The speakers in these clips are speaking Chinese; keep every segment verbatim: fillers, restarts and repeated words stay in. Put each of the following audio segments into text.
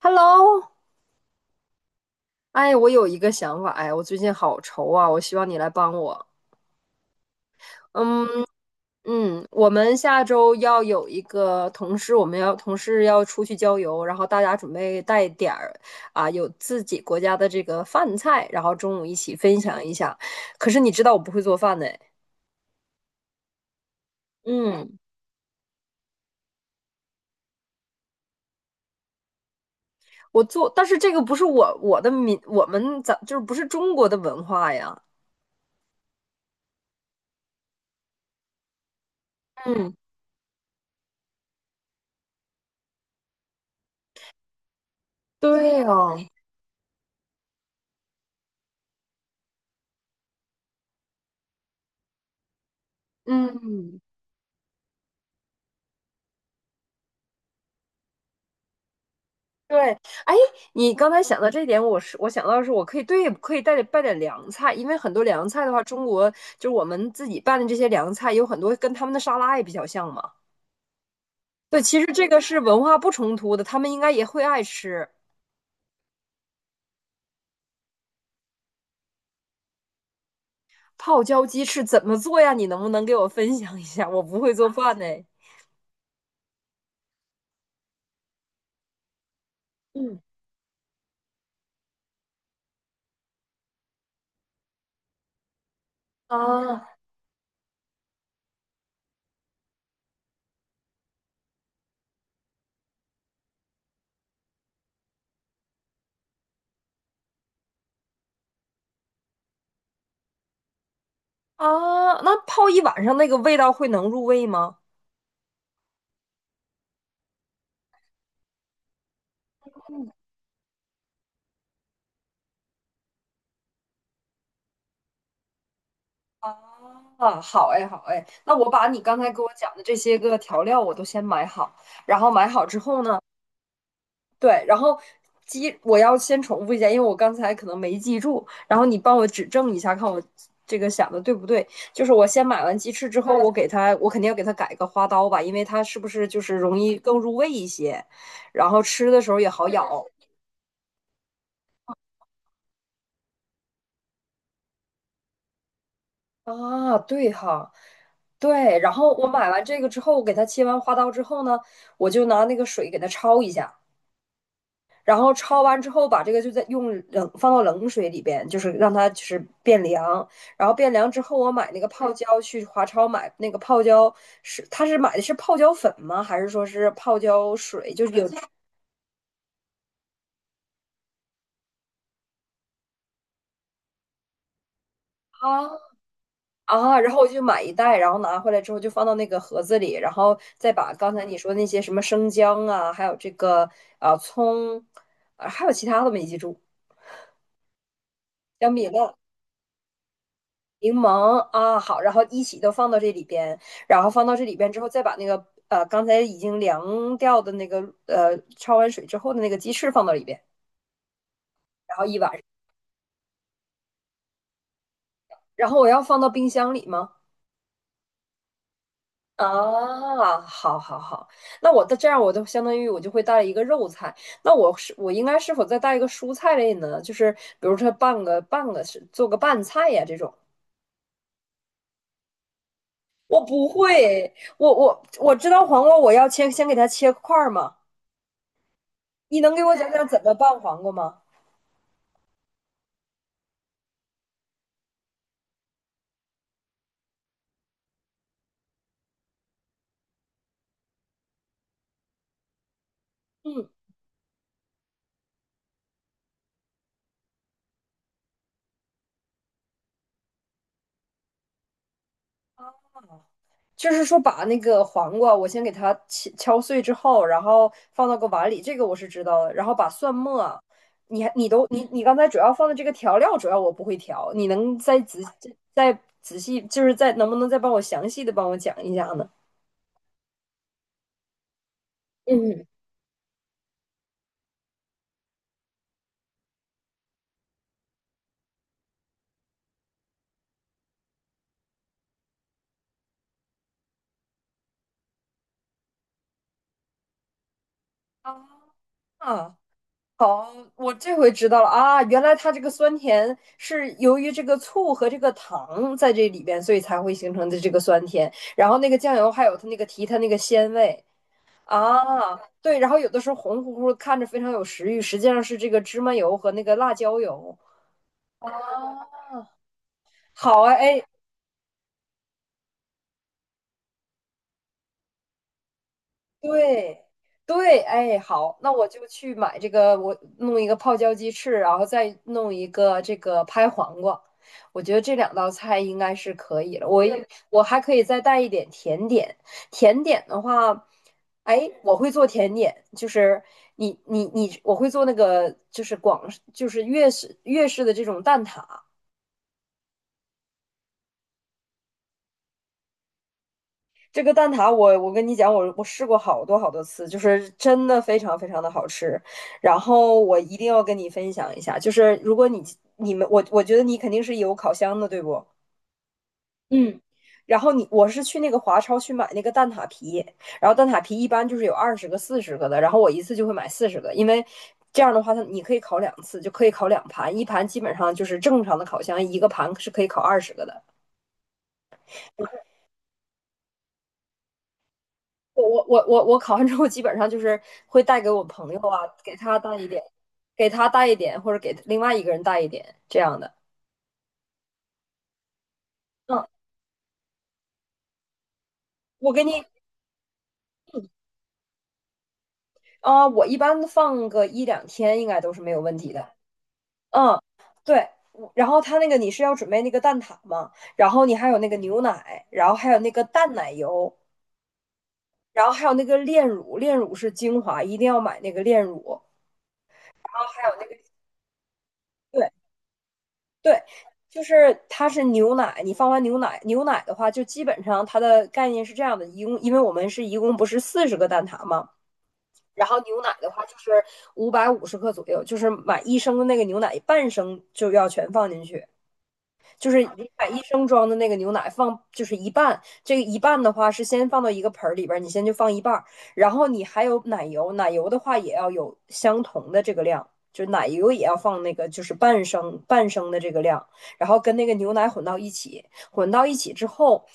Hello，哎，我有一个想法，哎，我最近好愁啊，我希望你来帮我。嗯嗯，我们下周要有一个同事，我们要同事要出去郊游，然后大家准备带点儿啊，有自己国家的这个饭菜，然后中午一起分享一下。可是你知道我不会做饭呢，嗯，我做，但是这个不是我我的民，我们咱就是不是中国的文化呀，嗯，对哦，嗯，对，哎，你刚才想到这一点，我是我想到的是，我可以对，可以带点拌点凉菜，因为很多凉菜的话，中国就是我们自己拌的这些凉菜，有很多跟他们的沙拉也比较像嘛。对，其实这个是文化不冲突的，他们应该也会爱吃。泡椒鸡翅怎么做呀？你能不能给我分享一下？我不会做饭呢。啊啊，那泡一晚上那个味道会能入味吗？啊，好哎，好哎，那我把你刚才给我讲的这些个调料我都先买好，然后买好之后呢，对，然后鸡我要先重复一下，因为我刚才可能没记住，然后你帮我指正一下，看我这个想的对不对。就是我先买完鸡翅之后，我给它，我肯定要给它改个花刀吧，因为它是不是就是容易更入味一些，然后吃的时候也好咬。啊，对哈，对。然后我买完这个之后，我给它切完花刀之后呢，我就拿那个水给它焯一下，然后焯完之后，把这个就在用冷放到冷水里边，就是让它就是变凉。然后变凉之后，我买那个泡椒去华超买那个泡椒是，他是买的是泡椒粉吗？还是说是泡椒水？就是有啊，啊，然后我就买一袋，然后拿回来之后就放到那个盒子里，然后再把刚才你说的那些什么生姜啊，还有这个啊葱，啊还有其他的没记住，姜饼、辣、柠檬啊，好，然后一起都放到这里边，然后放到这里边之后，再把那个呃刚才已经凉掉的那个呃焯完水之后的那个鸡翅放到里边，然后一晚上，然后我要放到冰箱里吗？啊，好，好，好，那我的这样，我就相当于我就会带一个肉菜，那我是我应该是否再带一个蔬菜类呢？就是比如说拌个拌个是做个拌菜呀这种，我不会，我我我知道黄瓜我要切，先给它切块儿嘛，你能给我讲讲怎么拌黄瓜吗？嗯就是说把那个黄瓜，我先给它敲敲碎之后，然后放到个碗里，这个我是知道的。然后把蒜末，你还你都你你刚才主要放的这个调料，主要我不会调，你能再仔再仔细，就是再能不能再帮我详细的帮我讲一下呢？嗯，啊，好，我这回知道了啊，原来它这个酸甜是由于这个醋和这个糖在这里边，所以才会形成的这个酸甜。然后那个酱油还有它那个提它那个鲜味。啊，对，然后有的时候红乎乎的看着非常有食欲，实际上是这个芝麻油和那个辣椒油。好啊，哎，对对，哎，好，那我就去买这个，我弄一个泡椒鸡翅，然后再弄一个这个拍黄瓜。我觉得这两道菜应该是可以了。我也我还可以再带一点甜点，甜点的话，哎，我会做甜点，就是你你你，我会做那个就是广就是粤式粤式的这种蛋挞。这个蛋挞我，我跟你讲，我我试过好多好多次，就是真的非常非常的好吃。然后我一定要跟你分享一下，就是如果你你们我我觉得你肯定是有烤箱的，对不？嗯，然后你我是去那个华超去买那个蛋挞皮，然后蛋挞皮一般就是有二十个、四十个的，然后我一次就会买四十个，因为这样的话它你可以烤两次，就可以烤两盘，一盘基本上就是正常的烤箱一个盘是可以烤二十个的。我我我我我考完之后，基本上就是会带给我朋友啊，给他带一点，给他带一点，或者给另外一个人带一点这样的。嗯，我给你，啊、我一般放个一两天应该都是没有问题的。嗯，对。然后他那个你是要准备那个蛋挞嘛，然后你还有那个牛奶，然后还有那个淡奶油，然后还有那个炼乳，炼乳是精华，一定要买那个炼乳。然后还有那个对，对，就是它是牛奶，你放完牛奶，牛奶的话，就基本上它的概念是这样的，一共因为我们是一共不是四十个蛋挞嘛，然后牛奶的话就是五百五十克左右，就是买一升的那个牛奶，半升就要全放进去。就是你把一升装的那个牛奶放，就是一半，这个一半的话是先放到一个盆儿里边儿，你先就放一半儿，然后你还有奶油，奶油的话也要有相同的这个量，就奶油也要放那个就是半升半升的这个量，然后跟那个牛奶混到一起，混到一起之后，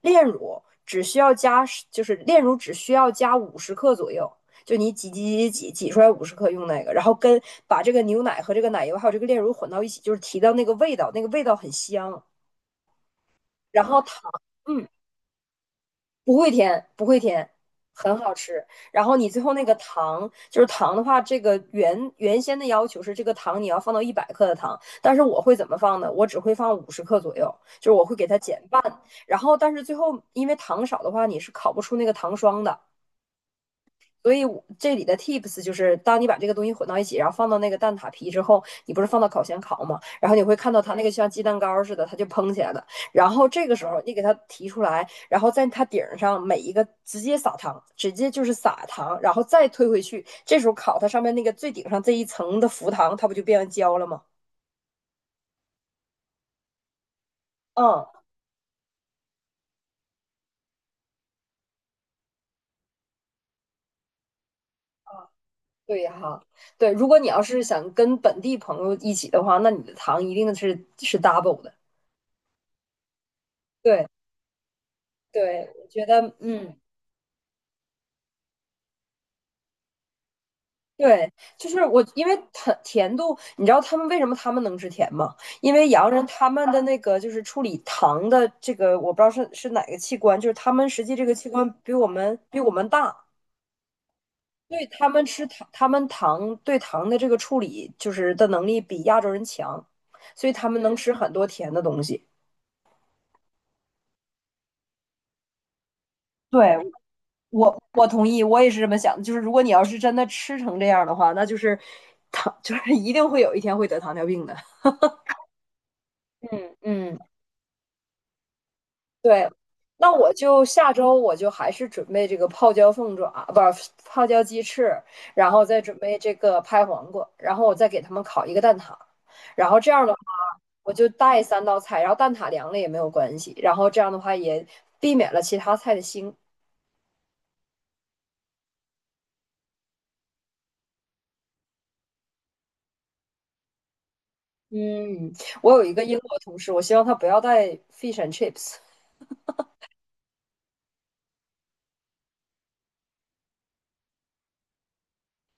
炼乳只需要加，就是炼乳只需要加五十克左右，就你挤挤挤挤挤出来五十克用那个，然后跟把这个牛奶和这个奶油还有这个炼乳混到一起，就是提到那个味道，那个味道很香。然后糖，嗯，不会甜，不会甜，很好吃。然后你最后那个糖，就是糖的话，这个原原先的要求是这个糖你要放到一百克的糖，但是我会怎么放呢？我只会放五十克左右，就是我会给它减半。然后，但是最后因为糖少的话，你是烤不出那个糖霜的。所以这里的 tips 就是，当你把这个东西混到一起，然后放到那个蛋挞皮之后，你不是放到烤箱烤吗？然后你会看到它那个像鸡蛋糕似的，它就蓬起来了。然后这个时候你给它提出来，然后在它顶上每一个直接撒糖，直接就是撒糖，然后再推回去。这时候烤它上面那个最顶上这一层的浮糖，它不就变成焦了吗？嗯。对哈，对，如果你要是想跟本地朋友一起的话，那你的糖一定是是 double 的。对对，我觉得嗯，对，就是我，因为甜甜度，你知道他们为什么他们能吃甜吗？因为洋人他们的那个就是处理糖的这个，我不知道是是哪个器官，就是他们实际这个器官比我们比我们大，对他们吃糖，他们糖对糖的这个处理就是的能力比亚洲人强，所以他们能吃很多甜的东西。对，我我同意，我也是这么想的。就是如果你要是真的吃成这样的话，那就是糖，就是一定会有一天会得糖尿病的。嗯嗯。对，那我就下周我就还是准备这个泡椒凤爪，不是泡椒鸡翅，然后再准备这个拍黄瓜，然后我再给他们烤一个蛋挞，然后这样的话我就带三道菜，然后蛋挞凉了也没有关系，然后这样的话也避免了其他菜的腥。嗯，我有一个英国同事，我希望他不要带 fish and chips,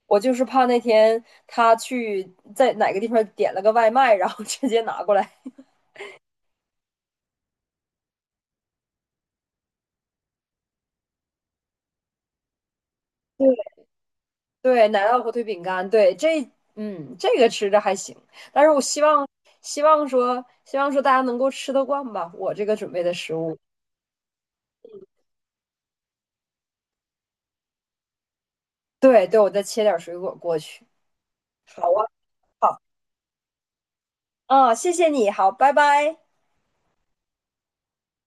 我就是怕那天他去在哪个地方点了个外卖，然后直接拿过来。对，奶酪火腿饼干，对，这，嗯，这个吃着还行，但是我希望，希望说，希望说大家能够吃得惯吧，我这个准备的食物。对，对，我再切点水果过去。好啊，好，嗯，谢谢你，好，拜拜。